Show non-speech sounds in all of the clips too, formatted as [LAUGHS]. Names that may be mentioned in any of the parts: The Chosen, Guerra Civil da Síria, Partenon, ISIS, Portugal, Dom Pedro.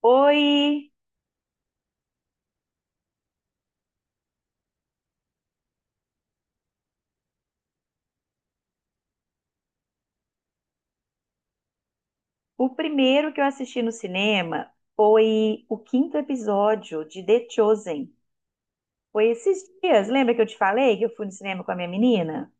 Oi! O primeiro que eu assisti no cinema foi o quinto episódio de The Chosen. Foi esses dias, lembra que eu te falei que eu fui no cinema com a minha menina?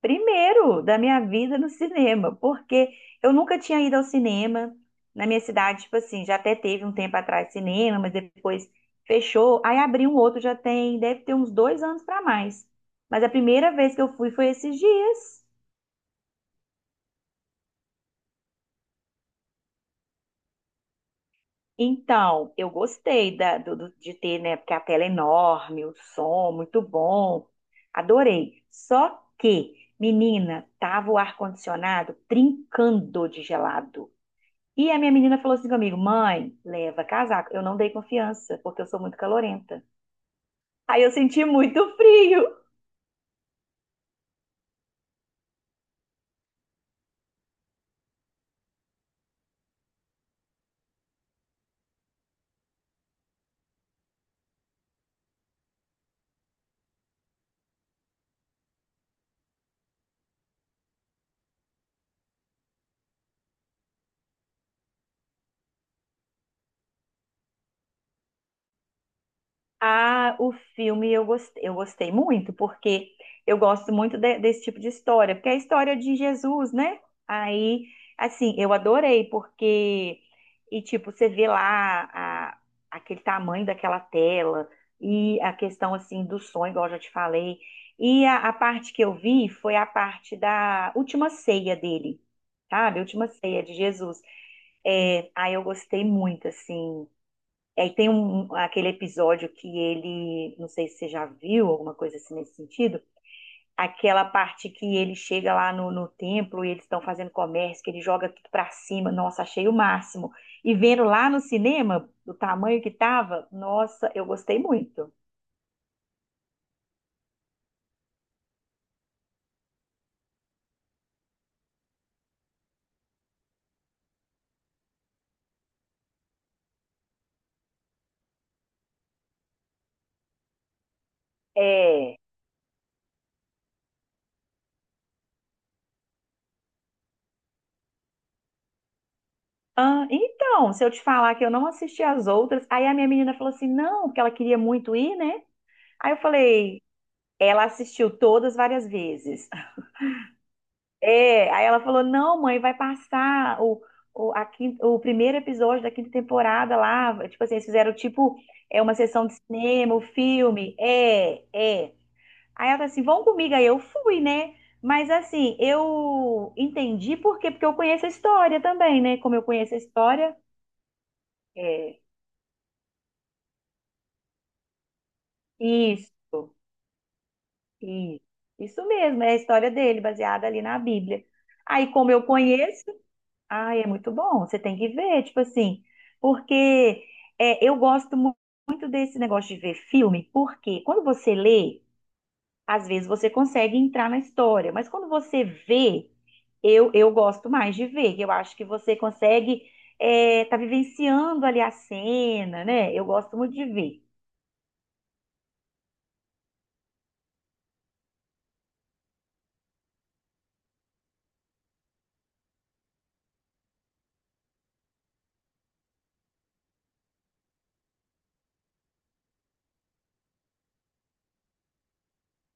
Primeiro da minha vida no cinema, porque eu nunca tinha ido ao cinema na minha cidade, tipo assim, já até teve um tempo atrás cinema, mas depois fechou, aí abriu um outro, já tem, deve ter uns dois anos para mais. Mas a primeira vez que eu fui foi esses dias. Então, eu gostei de ter, né? Porque a tela é enorme, o som muito bom. Adorei. Só que, menina, tava o ar-condicionado trincando de gelado. E a minha menina falou assim comigo: mãe, leva casaco. Eu não dei confiança, porque eu sou muito calorenta. Aí eu senti muito frio. Ah, o filme eu gostei muito, porque eu gosto muito desse tipo de história, porque é a história de Jesus, né? Aí, assim, eu adorei, porque, e tipo, você vê lá aquele tamanho daquela tela, e a questão, assim, do sonho, igual eu já te falei, e a parte que eu vi foi a parte da última ceia dele, sabe? A última ceia de Jesus. É, aí eu gostei muito, assim, e aí tem aquele episódio que ele, não sei se você já viu, alguma coisa assim nesse sentido, aquela parte que ele chega lá no templo e eles estão fazendo comércio, que ele joga tudo pra cima, nossa, achei o máximo. E vendo lá no cinema, do tamanho que tava, nossa, eu gostei muito. É. Ah, então, se eu te falar que eu não assisti as outras, aí a minha menina falou assim, não, porque ela queria muito ir, né? Aí eu falei, ela assistiu todas várias vezes. É, aí ela falou: não, mãe, vai passar o primeiro episódio da quinta temporada lá. Tipo assim, eles fizeram tipo é uma sessão de cinema, o filme. É, é. Aí ela falou assim: vão comigo. Aí eu fui, né? Mas assim, eu entendi por quê, porque eu conheço a história também, né? Como eu conheço a história, é isso, isso, isso mesmo, é a história dele, baseada ali na Bíblia. Aí, como eu conheço. Ai, é muito bom. Você tem que ver, tipo assim, porque é, eu gosto muito desse negócio de ver filme, porque quando você lê, às vezes você consegue entrar na história, mas quando você vê, eu gosto mais de ver, que eu acho que você consegue tá vivenciando ali a cena, né? Eu gosto muito de ver.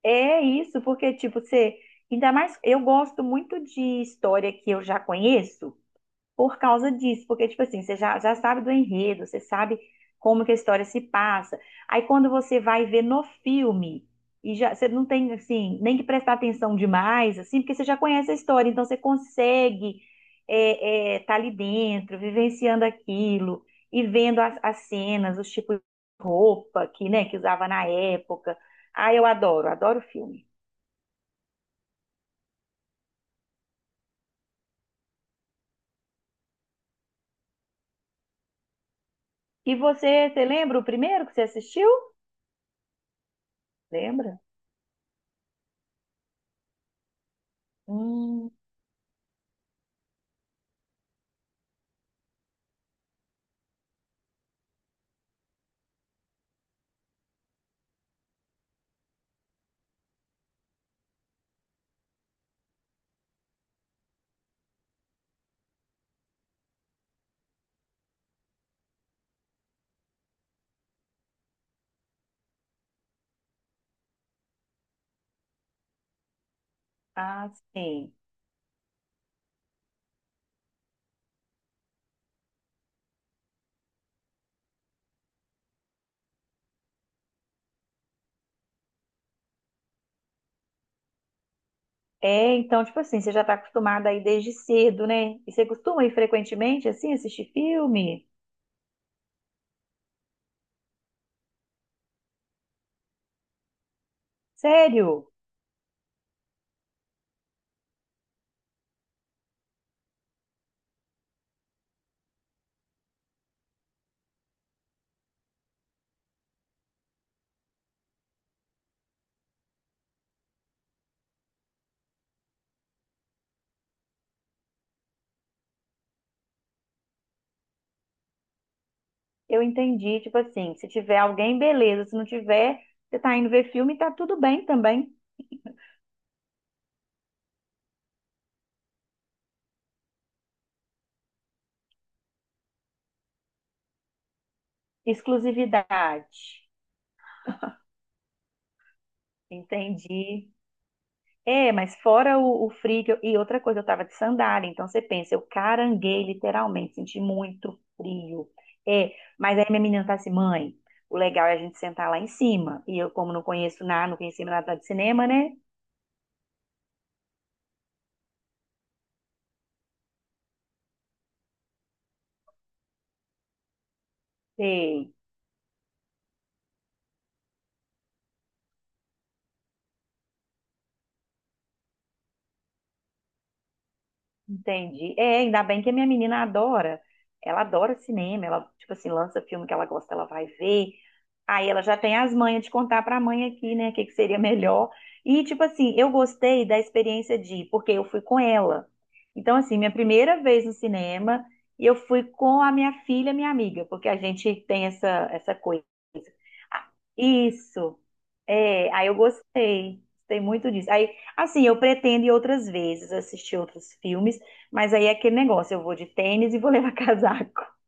É isso, porque, tipo, você. Ainda mais, eu gosto muito de história que eu já conheço. Por causa disso, porque, tipo assim, você já sabe do enredo, você sabe como que a história se passa. Aí quando você vai ver no filme, e já, você não tem, assim, nem que prestar atenção demais, assim, porque você já conhece a história, então você consegue tá ali dentro, vivenciando aquilo, e vendo as cenas, os tipos de roupa que, né, que usava na época. Ah, eu adoro, adoro filme. E você lembra o primeiro que você assistiu? Lembra? Hum, ah, sim. É, então, tipo assim, você já tá acostumada aí desde cedo, né? E você costuma ir frequentemente, assim, assistir filme? Sério? Eu entendi, tipo assim, se tiver alguém, beleza. Se não tiver, você tá indo ver filme, tá tudo bem também. Exclusividade. Entendi. É, mas fora o frio, e outra coisa, eu tava de sandália, então você pensa, eu caranguei literalmente, senti muito frio. É, mas aí minha menina tá assim, mãe, o legal é a gente sentar lá em cima. E eu, como não conheço nada, não conhecia nada de cinema, né? Sei, entendi. É, ainda bem que a minha menina adora, ela adora cinema, ela, tipo assim, lança filme que ela gosta, ela vai ver. Aí ela já tem as manhas de contar para a mãe aqui, né, o que que seria melhor. E, tipo assim, eu gostei da experiência de ir, porque eu fui com ela. Então, assim, minha primeira vez no cinema, e eu fui com a minha filha, minha amiga, porque a gente tem essa coisa. Ah, isso. É, aí eu gostei. Gostei muito disso. Aí, assim, eu pretendo ir outras vezes, assistir outros filmes, mas aí é aquele negócio, eu vou de tênis e vou levar [LAUGHS] casaco.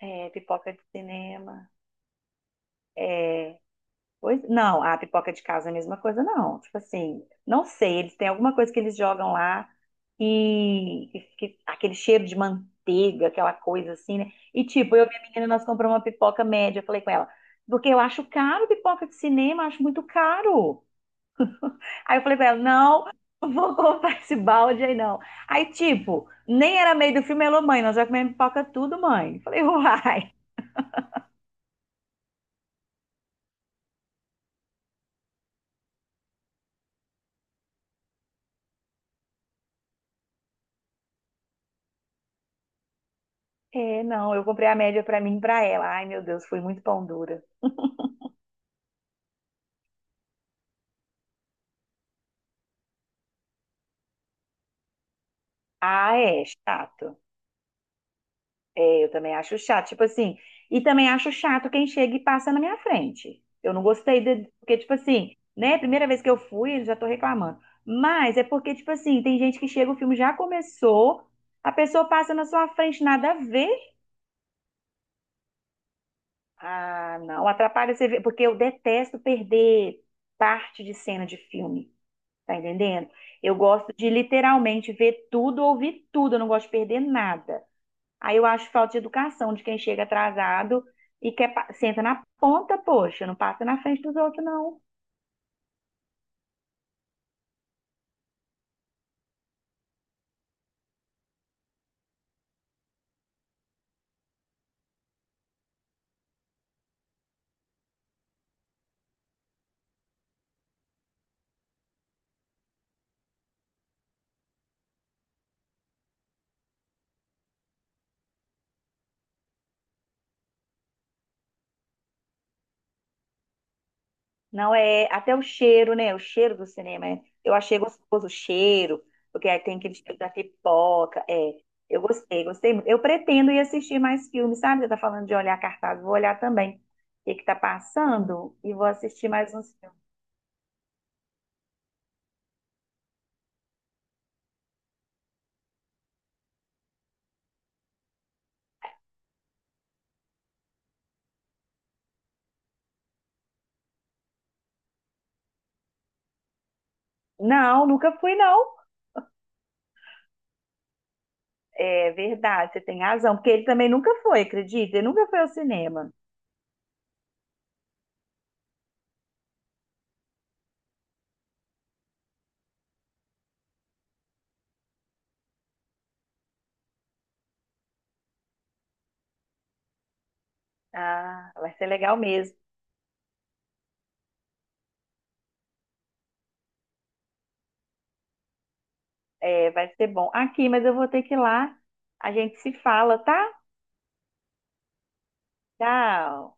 É, pipoca de cinema. É, pois não, a pipoca de casa é a mesma coisa, não. Tipo assim, não sei, eles têm alguma coisa que eles jogam lá e aquele cheiro de manteiga, aquela coisa assim, né? E tipo, eu e minha menina, nós compramos uma pipoca média. Eu falei com ela, porque eu acho caro pipoca de cinema, acho muito caro. Aí eu falei com ela, não, [LAUGHS] não vou comprar esse balde aí não. Aí tipo, nem era meio do filme, ela, mãe, nós já comemos pipoca tudo, mãe. Eu falei, [LAUGHS] uai. É, não, eu comprei a média pra mim e pra ela. Ai, meu Deus, fui muito pão dura. Ah, é chato. É, eu também acho chato. Tipo assim, e também acho chato quem chega e passa na minha frente. Eu não gostei de, porque, tipo assim, né? Primeira vez que eu fui, eu já tô reclamando. Mas é porque, tipo assim, tem gente que chega, o filme já começou, a pessoa passa na sua frente, nada a ver. Ah, não, atrapalha você ver, porque eu detesto perder parte de cena de filme, tá entendendo? Eu gosto de literalmente ver tudo, ouvir tudo, eu não gosto de perder nada. Aí eu acho falta de educação de quem chega atrasado e quer senta na ponta, poxa, não passa na frente dos outros, não. Não é até o cheiro, né? O cheiro do cinema. Eu achei gostoso o cheiro, porque aí tem aquele cheiro da pipoca. É, eu gostei, gostei muito. Eu pretendo ir assistir mais filmes, sabe? Você tá falando de olhar cartaz, vou olhar também. O que que tá passando? E vou assistir mais uns filmes. Não, nunca fui, não. É verdade, você tem razão, porque ele também nunca foi, acredita? Ele nunca foi ao cinema. Ah, vai ser legal mesmo. É, vai ser bom. Aqui, mas eu vou ter que ir lá. A gente se fala, tá? Tchau.